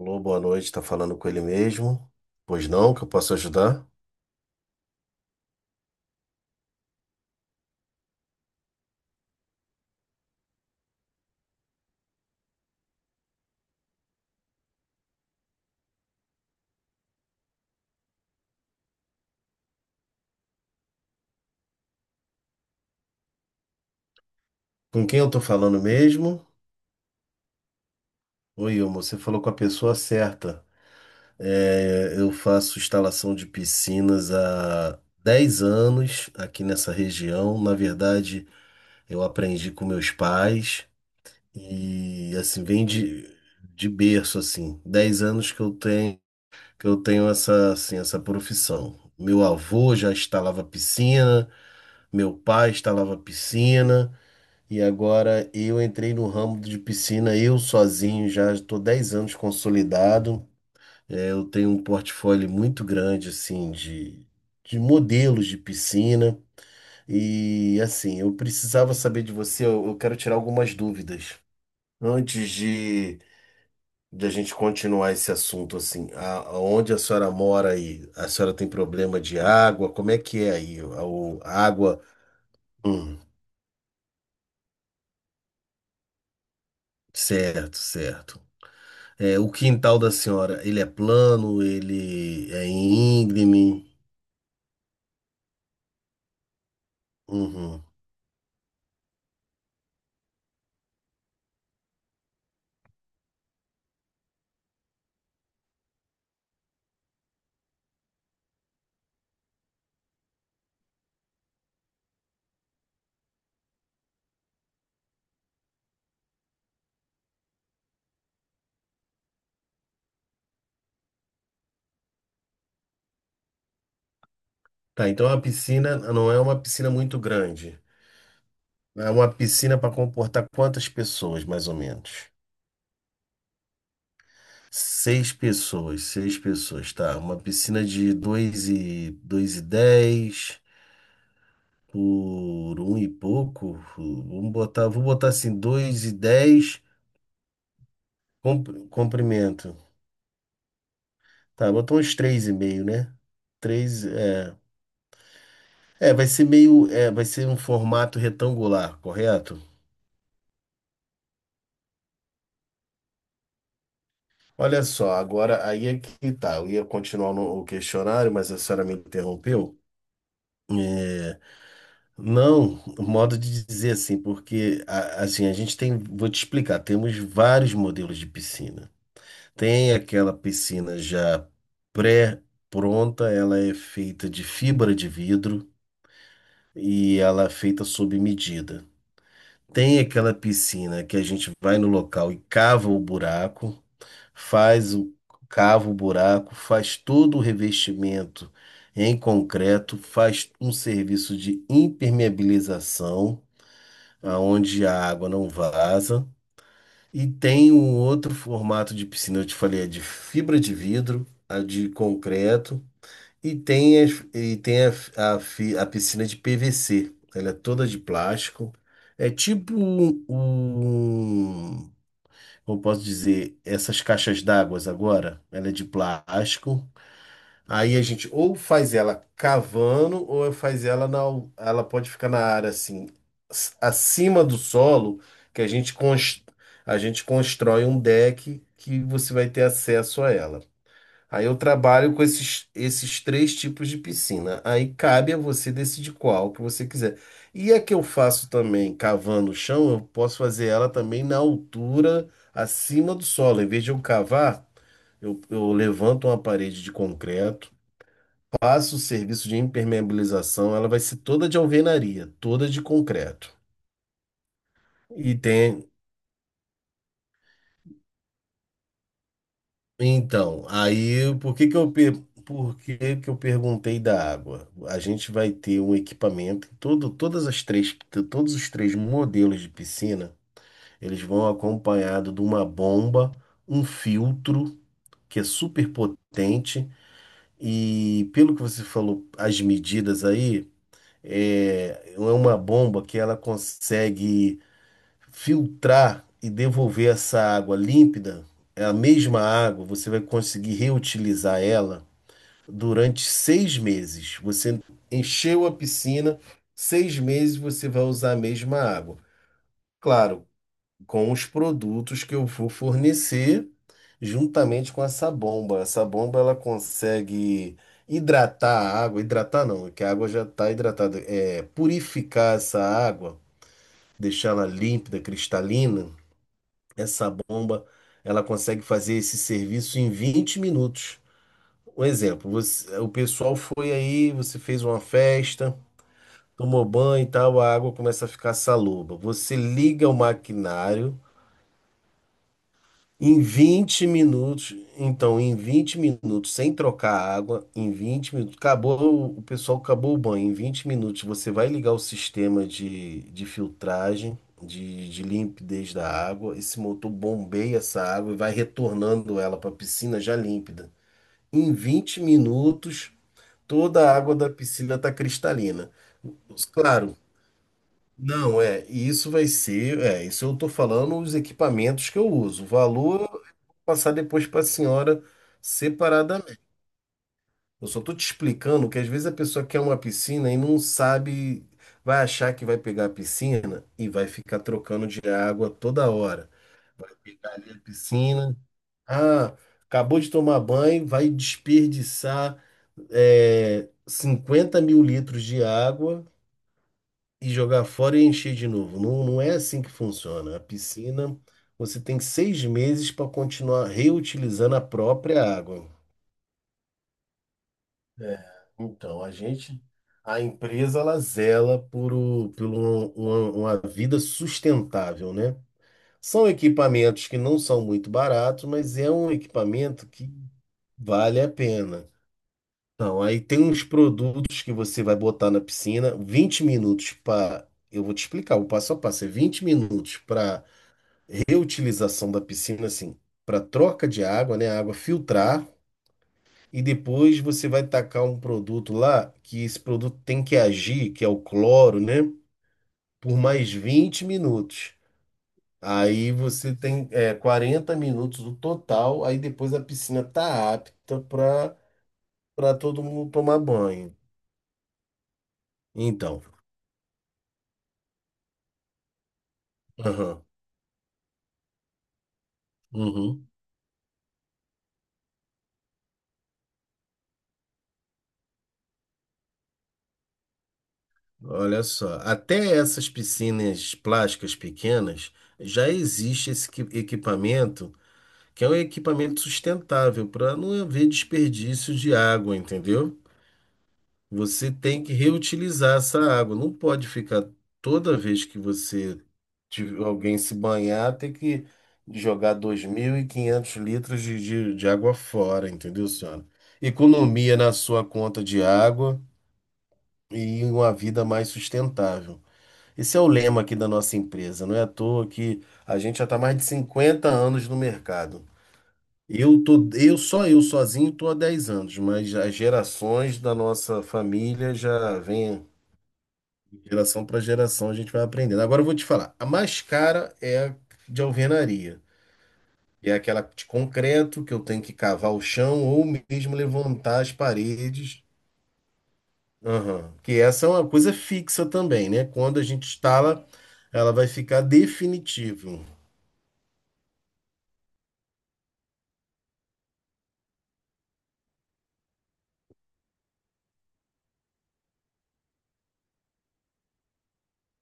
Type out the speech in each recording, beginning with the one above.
Alô, boa noite, tá falando com ele mesmo? Pois não, que eu posso ajudar? Com quem eu tô falando mesmo? Oi, Ilmo, você falou com a pessoa certa. É, eu faço instalação de piscinas há 10 anos aqui nessa região. Na verdade, eu aprendi com meus pais e assim, vem de berço assim. Dez anos que eu tenho assim, essa profissão. Meu avô já instalava piscina, meu pai instalava piscina. E agora eu entrei no ramo de piscina, eu sozinho, já estou 10 anos consolidado. É, eu tenho um portfólio muito grande, assim, de modelos de piscina. E, assim, eu precisava saber de você, eu quero tirar algumas dúvidas. Antes de a gente continuar esse assunto, assim, onde a senhora mora aí? A senhora tem problema de água? Como é que é aí? A água? Hum, certo, certo. É, o quintal da senhora, ele é plano, ele é íngreme. Uhum. Tá, então a piscina não é uma piscina muito grande. É uma piscina para comportar quantas pessoas, mais ou menos? Seis pessoas, tá. Uma piscina de dois e dois e dez por um e pouco. Vou botar assim, dois e dez comprimento. Tá, botou uns três e meio, né? Três, é. É, vai ser um formato retangular, correto? Olha só, agora aí é que tá. Eu ia continuar no o questionário, mas a senhora me interrompeu. Não, modo de dizer assim, porque assim, vou te explicar, temos vários modelos de piscina. Tem aquela piscina já pré-pronta, ela é feita de fibra de vidro e ela é feita sob medida. Tem aquela piscina que a gente vai no local e cava o buraco. Faz o cava o buraco, faz todo o revestimento em concreto, faz um serviço de impermeabilização, aonde a água não vaza, e tem um outro formato de piscina, eu te falei, a de fibra de vidro, a de concreto, e tem, a piscina de PVC, ela é toda de plástico. É tipo um, como posso dizer, essas caixas d'água agora, ela é de plástico. Aí a gente ou faz ela cavando ou faz ela ela pode ficar na área assim, acima do solo, que a gente constrói um deck que você vai ter acesso a ela. Aí eu trabalho com esses três tipos de piscina. Aí cabe a você decidir qual que você quiser. E a que eu faço também cavando o chão, eu posso fazer ela também na altura acima do solo. Em vez de eu cavar, eu levanto uma parede de concreto, passo o serviço de impermeabilização, ela vai ser toda de alvenaria, toda de concreto. E tem, Então, aí por que que eu perguntei da água? A gente vai ter um equipamento, todos os três modelos de piscina, eles vão acompanhado de uma bomba, um filtro que é super potente e pelo que você falou, as medidas aí, é uma bomba que ela consegue filtrar e devolver essa água límpida, é a mesma água, você vai conseguir reutilizar ela durante 6 meses. Você encheu a piscina, 6 meses você vai usar a mesma água. Claro, com os produtos que eu vou fornecer, juntamente com essa bomba. Essa bomba ela consegue hidratar a água, hidratar não, é que a água já está hidratada, é purificar essa água, deixá-la límpida, cristalina essa bomba, ela consegue fazer esse serviço em 20 minutos. Um exemplo, o pessoal foi aí, você fez uma festa, tomou banho e tal, a água começa a ficar saloba. Você liga o maquinário em 20 minutos, então, em 20 minutos, sem trocar a água, em 20 minutos, acabou, o pessoal acabou o banho. Em 20 minutos, você vai ligar o sistema de filtragem, de limpidez da água. Esse motor bombeia essa água e vai retornando ela para a piscina já límpida. Em 20 minutos, toda a água da piscina está cristalina. Claro, não é. E isso vai ser, isso eu estou falando os equipamentos que eu uso. O valor passar depois para a senhora separadamente. Eu só tô te explicando que às vezes a pessoa quer uma piscina e não sabe, vai achar que vai pegar a piscina e vai ficar trocando de água toda hora. Pegar ali a piscina, ah, acabou de tomar banho, vai desperdiçar 50 mil litros de água e jogar fora e encher de novo. Não, não é assim que funciona. A piscina, você tem 6 meses para continuar reutilizando a própria água. É, então, a empresa, ela zela por uma vida sustentável, né? São equipamentos que não são muito baratos, mas é um equipamento que vale a pena. Então, aí tem uns produtos que você vai botar na piscina, 20 minutos para. Eu vou te explicar, o passo a passo é 20 minutos para reutilização da piscina, assim, para troca de água, né? A água filtrar. E depois você vai tacar um produto lá, que esse produto tem que agir, que é o cloro, né? Por mais 20 minutos. Aí você tem 40 minutos no total, aí depois a piscina tá apta para todo mundo tomar banho. Então, aham, uhum, olha só, até essas piscinas plásticas pequenas já existe esse equipamento, que é um equipamento sustentável para não haver desperdício de água, entendeu? Você tem que reutilizar essa água. Não pode ficar toda vez que você alguém se banhar, ter que jogar 2.500 litros de água fora, entendeu, senhora? Economia na sua conta de água e uma vida mais sustentável. Esse é o lema aqui da nossa empresa. Não é à toa que a gente já está mais de 50 anos no mercado. Eu sozinho tô há 10 anos, mas as gerações da nossa família já vêm. Geração para geração a gente vai aprendendo. Agora eu vou te falar. A mais cara é a de alvenaria. É aquela de concreto que eu tenho que cavar o chão ou mesmo levantar as paredes. Aham. Que essa é uma coisa fixa também, né? Quando a gente instala, ela vai ficar definitiva.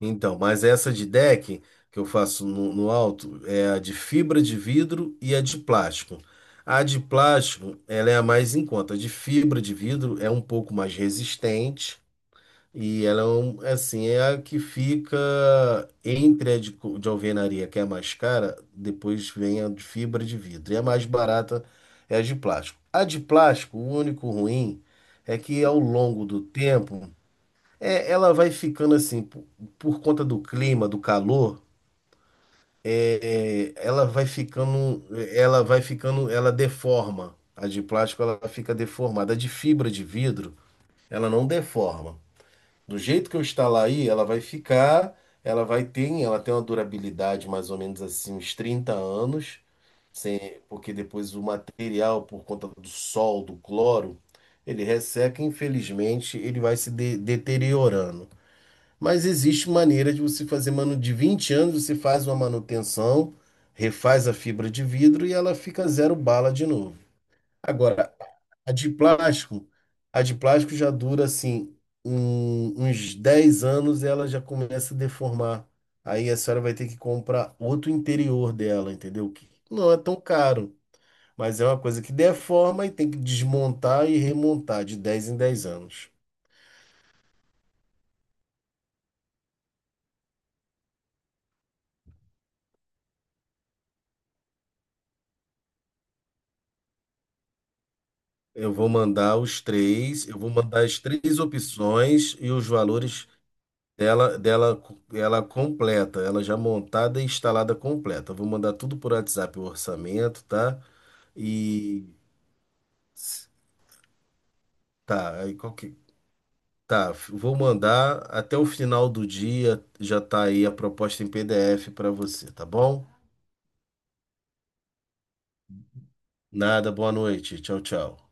Então, mas essa de deck que eu faço no alto é a de fibra de vidro e a de plástico. A de plástico, ela é a mais em conta. A de fibra de vidro é um pouco mais resistente. E ela é, assim, é a que fica entre de alvenaria, que é a mais cara, depois vem a de fibra de vidro. E a mais barata é a de plástico. A de plástico, o único ruim é que ao longo do tempo, ela vai ficando assim, por conta do clima, do calor, é, é, ela vai ficando, ela deforma. A de plástico, ela fica deformada. A de fibra de vidro, ela não deforma. Do jeito que eu instalar aí, ela vai ficar, ela vai ter, ela tem uma durabilidade mais ou menos assim, uns 30 anos, sem, porque depois o material, por conta do sol, do cloro, ele resseca, e, infelizmente, ele vai se deteriorando. Mas existe maneira de você fazer manu de 20 anos, você faz uma manutenção, refaz a fibra de vidro e ela fica zero bala de novo. Agora, a de plástico, a de plástico já dura assim uns 10 anos e ela já começa a deformar. Aí a senhora vai ter que comprar outro interior dela, entendeu? Que não é tão caro, mas é uma coisa que deforma e tem que desmontar e remontar de 10 em 10 anos. Eu vou mandar as três opções e os valores dela, ela completa, ela já montada e instalada completa. Eu vou mandar tudo por WhatsApp o orçamento, tá? E tá, aí qual que. Tá, vou mandar até o final do dia, já tá aí a proposta em PDF para você, tá bom? Nada, boa noite. Tchau, tchau.